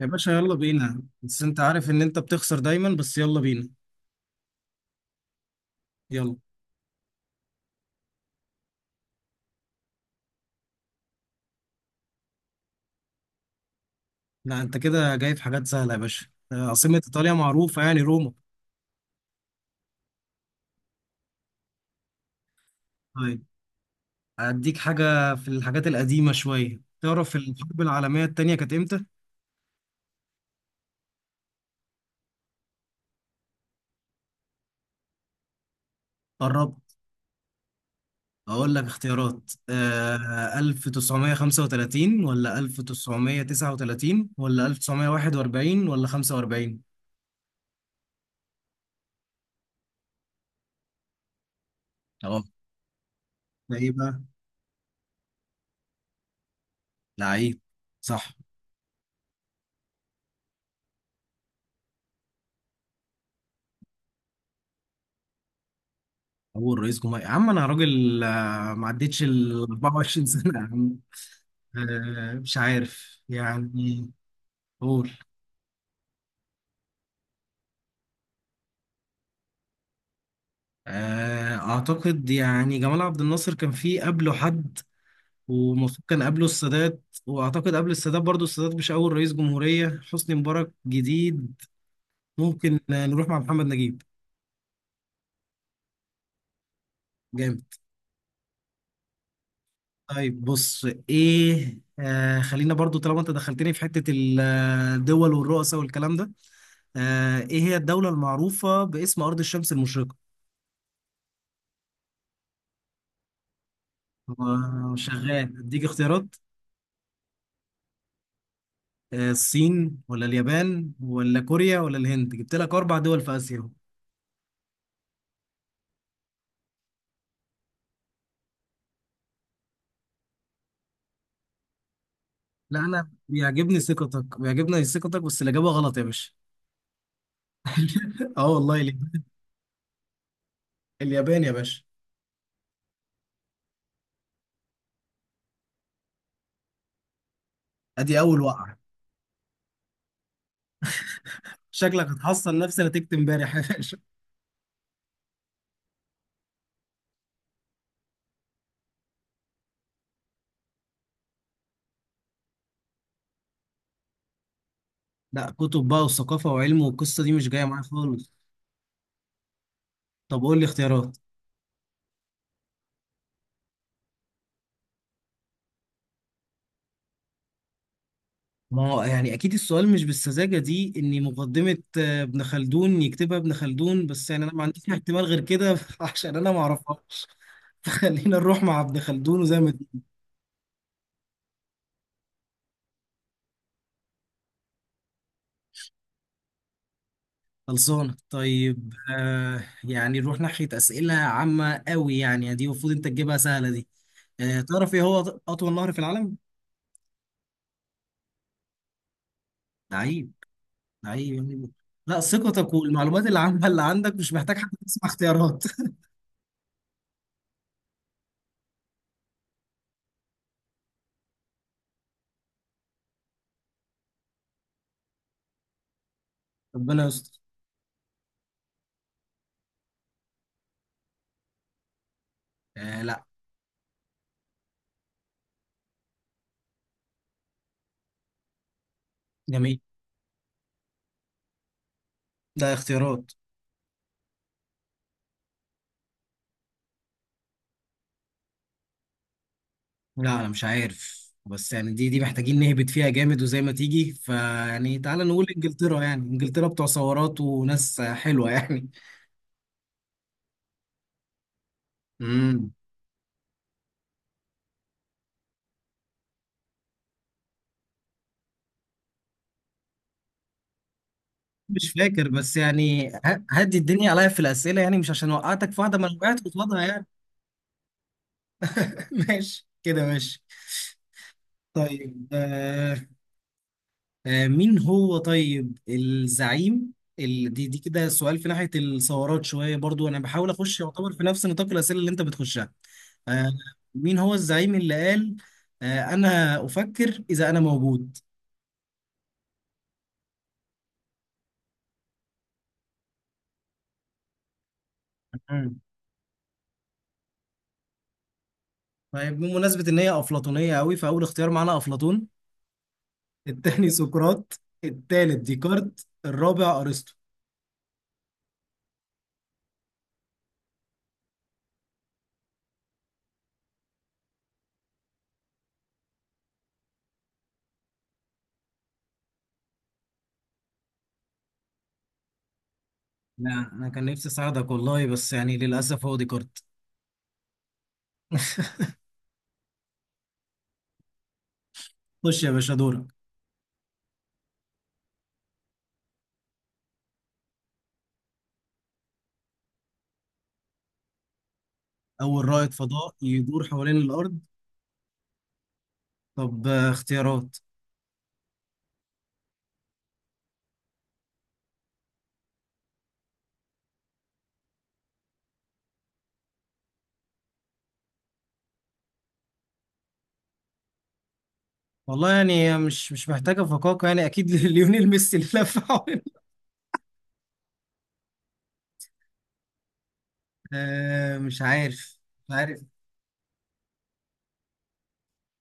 يا باشا يلا بينا، بس انت عارف ان انت بتخسر دايما. بس يلا بينا يلا. لا انت كده جاي في حاجات سهلة يا باشا. عاصمة ايطاليا معروفة، يعني روما. طيب هديك حاجة في الحاجات القديمة شوية. تعرف الحرب العالمية التانية كانت امتى؟ قربت. اقول لك اختيارات آه: 1935 ولا 1939 ولا 1941 ولا 45؟ اه. ده ايه بقى؟ لعيب. صح. اول رئيس جمهوريه يا عم، انا راجل ما عدتش ال 24 سنه يا عم. مش عارف يعني. قول. اعتقد يعني جمال عبد الناصر كان فيه قبله حد، ومفروض كان قبله السادات. واعتقد قبل السادات برضو السادات مش اول رئيس جمهوريه. حسني مبارك جديد. ممكن نروح مع محمد نجيب. جامد. طيب بص، ايه آه، خلينا برضو طالما انت دخلتني في حته الدول والرؤساء والكلام ده. ايه هي الدولة المعروفة باسم أرض الشمس المشرقة؟ هو شغال. اديك اختيارات: الصين ولا اليابان ولا كوريا ولا الهند؟ جبت لك أربع دول في آسيا. لا أنا بيعجبني ثقتك، بيعجبني ثقتك، بس الإجابة غلط يا باشا. اه والله، اليابان. اليابان يا باشا. ادي أول وقعة. شكلك هتحصل نفس نتيجة امبارح يا باشا. لا، كتب بقى وثقافة وعلم، والقصة دي مش جاية معايا خالص. طب قول لي اختيارات. ما هو يعني اكيد السؤال مش بالسذاجه دي ان مقدمه ابن خلدون يكتبها ابن خلدون، بس يعني انا ما عنديش احتمال غير كده عشان انا ما اعرفهاش. فخلينا نروح مع ابن خلدون، وزي ما تيجي. خلصانه. طيب آه، يعني نروح ناحيه اسئله عامه قوي، يعني دي المفروض انت تجيبها سهله دي. آه تعرف ايه هو اطول نهر في العالم؟ لعيب. لعيب يعني. لا ثقتك والمعلومات اللي عامه اللي عندك مش محتاج حد تسمع اختيارات. ربنا يستر. آه لا. جميل. ده اختيارات. لا انا مش عارف، بس يعني دي محتاجين نهبط فيها جامد وزي ما تيجي. فيعني تعالى نقول انجلترا، يعني انجلترا بتوع ثورات وناس حلوة يعني. امم، مش فاكر، بس يعني هدي الدنيا عليا في الأسئلة. يعني مش عشان وقعتك في واحدة ما انا وقعت قصادها يعني. ماشي كده، ماشي. طيب آه، آه مين هو طيب الزعيم، دي كده سؤال في ناحية الثورات شوية، برضو انا بحاول اخش يعتبر في نفس نطاق الأسئلة اللي انت بتخشها. آه، مين هو الزعيم اللي قال: أنا أفكر إذا أنا موجود؟ مم. طيب، بمناسبة إن هي أفلاطونية قوي، فأول اختيار معانا أفلاطون، التاني سقراط، التالت ديكارت، الرابع أرسطو. لا أنا كان نفسي أساعدك والله، بس يعني للأسف هو ديكارت. خش يا باشا دورك. أول رائد فضاء يدور حوالين الأرض؟ طب اختيارات. والله يعني هي مش مش محتاجة فقاقة يعني، أكيد ليونيل ميسي اللي لف حوالين. مش عارف. مش عارف.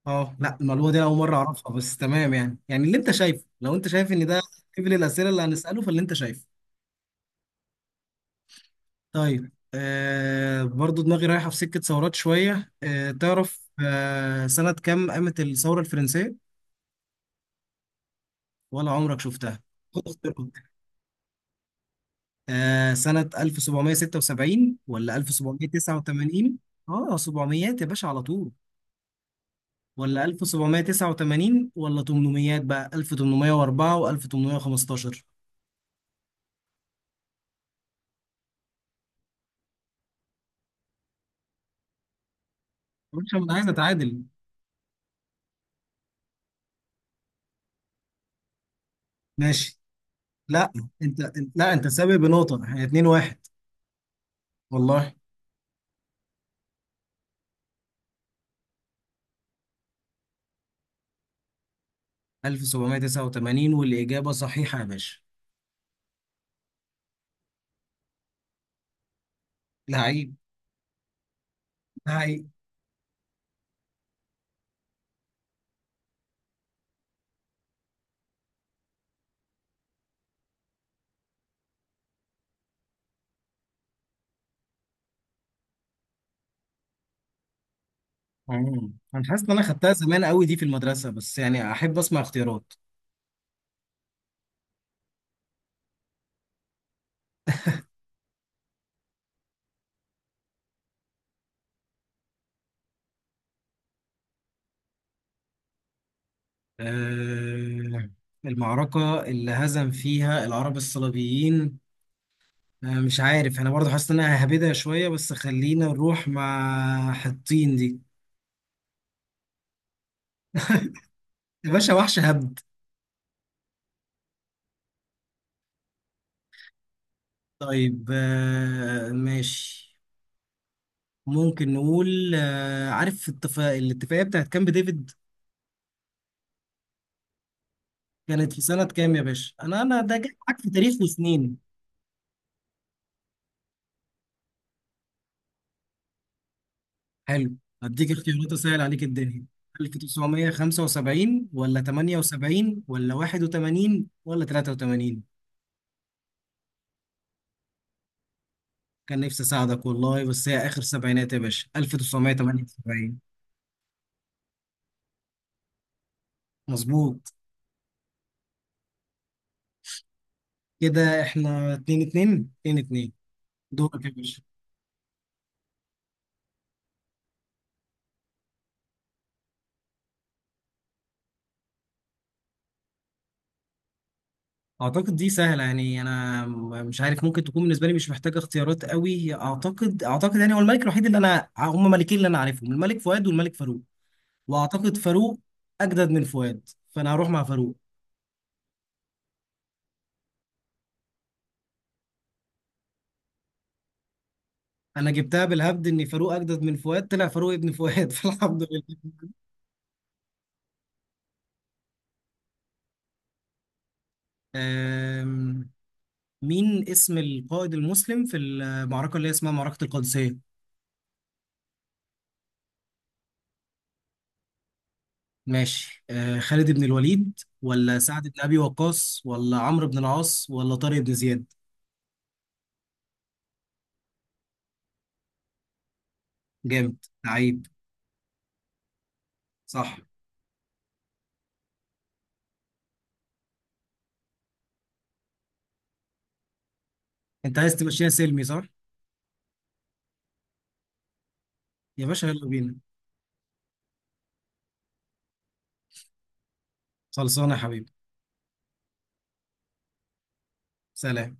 اه لا، المعلومه دي انا اول مره اعرفها، بس تمام يعني. يعني اللي انت شايفه، لو انت شايف ان ده قبل الاسئله اللي هنساله، فاللي انت شايفه. طيب آه، برضو دماغي رايحه في سكه ثورات شويه. آه تعرف آه سنه كام قامت الثوره الفرنسيه؟ ولا عمرك شفتها. خد اختيارات. آه سنه 1776 ولا 1789؟ اه 700 يا باشا على طول؟ ولا 1789 ولا 800 بقى، 1804 و1815؟ مش، انا عايز اتعادل. ماشي. لا انت، لا انت سابق بنقطة، احنا 2 1. والله. 1789، والإجابة صحيحة يا باشا. لعيب. لعيب. مم. انا حاسس ان انا خدتها زمان قوي دي في المدرسة، بس يعني احب اسمع اختيارات. أه، المعركة اللي هزم فيها العرب الصليبيين؟ أه مش عارف، انا برضو حاسس ان انا ههبدها شوية، بس خلينا نروح مع حطين دي. يا باشا وحش هبد. طيب أه ماشي. ممكن نقول عارف الاتفاقية بتاعت كامب ديفيد؟ كانت في سنة كام يا باشا؟ أنا ده جاي معاك في تاريخ وسنين. حلو. هديك اختيارات أسهل عليك الدنيا: 1975 ولا 78 ولا 81 ولا 83؟ كان نفسي أساعدك والله، بس هي آخر سبعينات يا باشا، 1978. مظبوط. كده إحنا 2 2 2 2. دورك يا باشا. اعتقد دي سهله يعني، انا مش عارف، ممكن تكون بالنسبه لي مش محتاجه اختيارات قوي. اعتقد يعني هو الملك الوحيد اللي انا، هم ملكين اللي انا عارفهم: الملك فؤاد والملك فاروق. واعتقد فاروق اجدد من فؤاد، فانا هروح مع فاروق. انا جبتها بالهبد ان فاروق اجدد من فؤاد، طلع فاروق ابن فؤاد فالحمد لله. أم، مين اسم القائد المسلم في المعركه اللي هي اسمها معركه القادسيه؟ ماشي. أه، خالد بن الوليد ولا سعد بن ابي وقاص ولا عمرو بن العاص ولا طارق بن زياد؟ جامد. لعيب. صح. انت عايز تبقى شيء سلمي، صح. يا باشا يلا بينا. خلصانه يا حبيبي. سلام.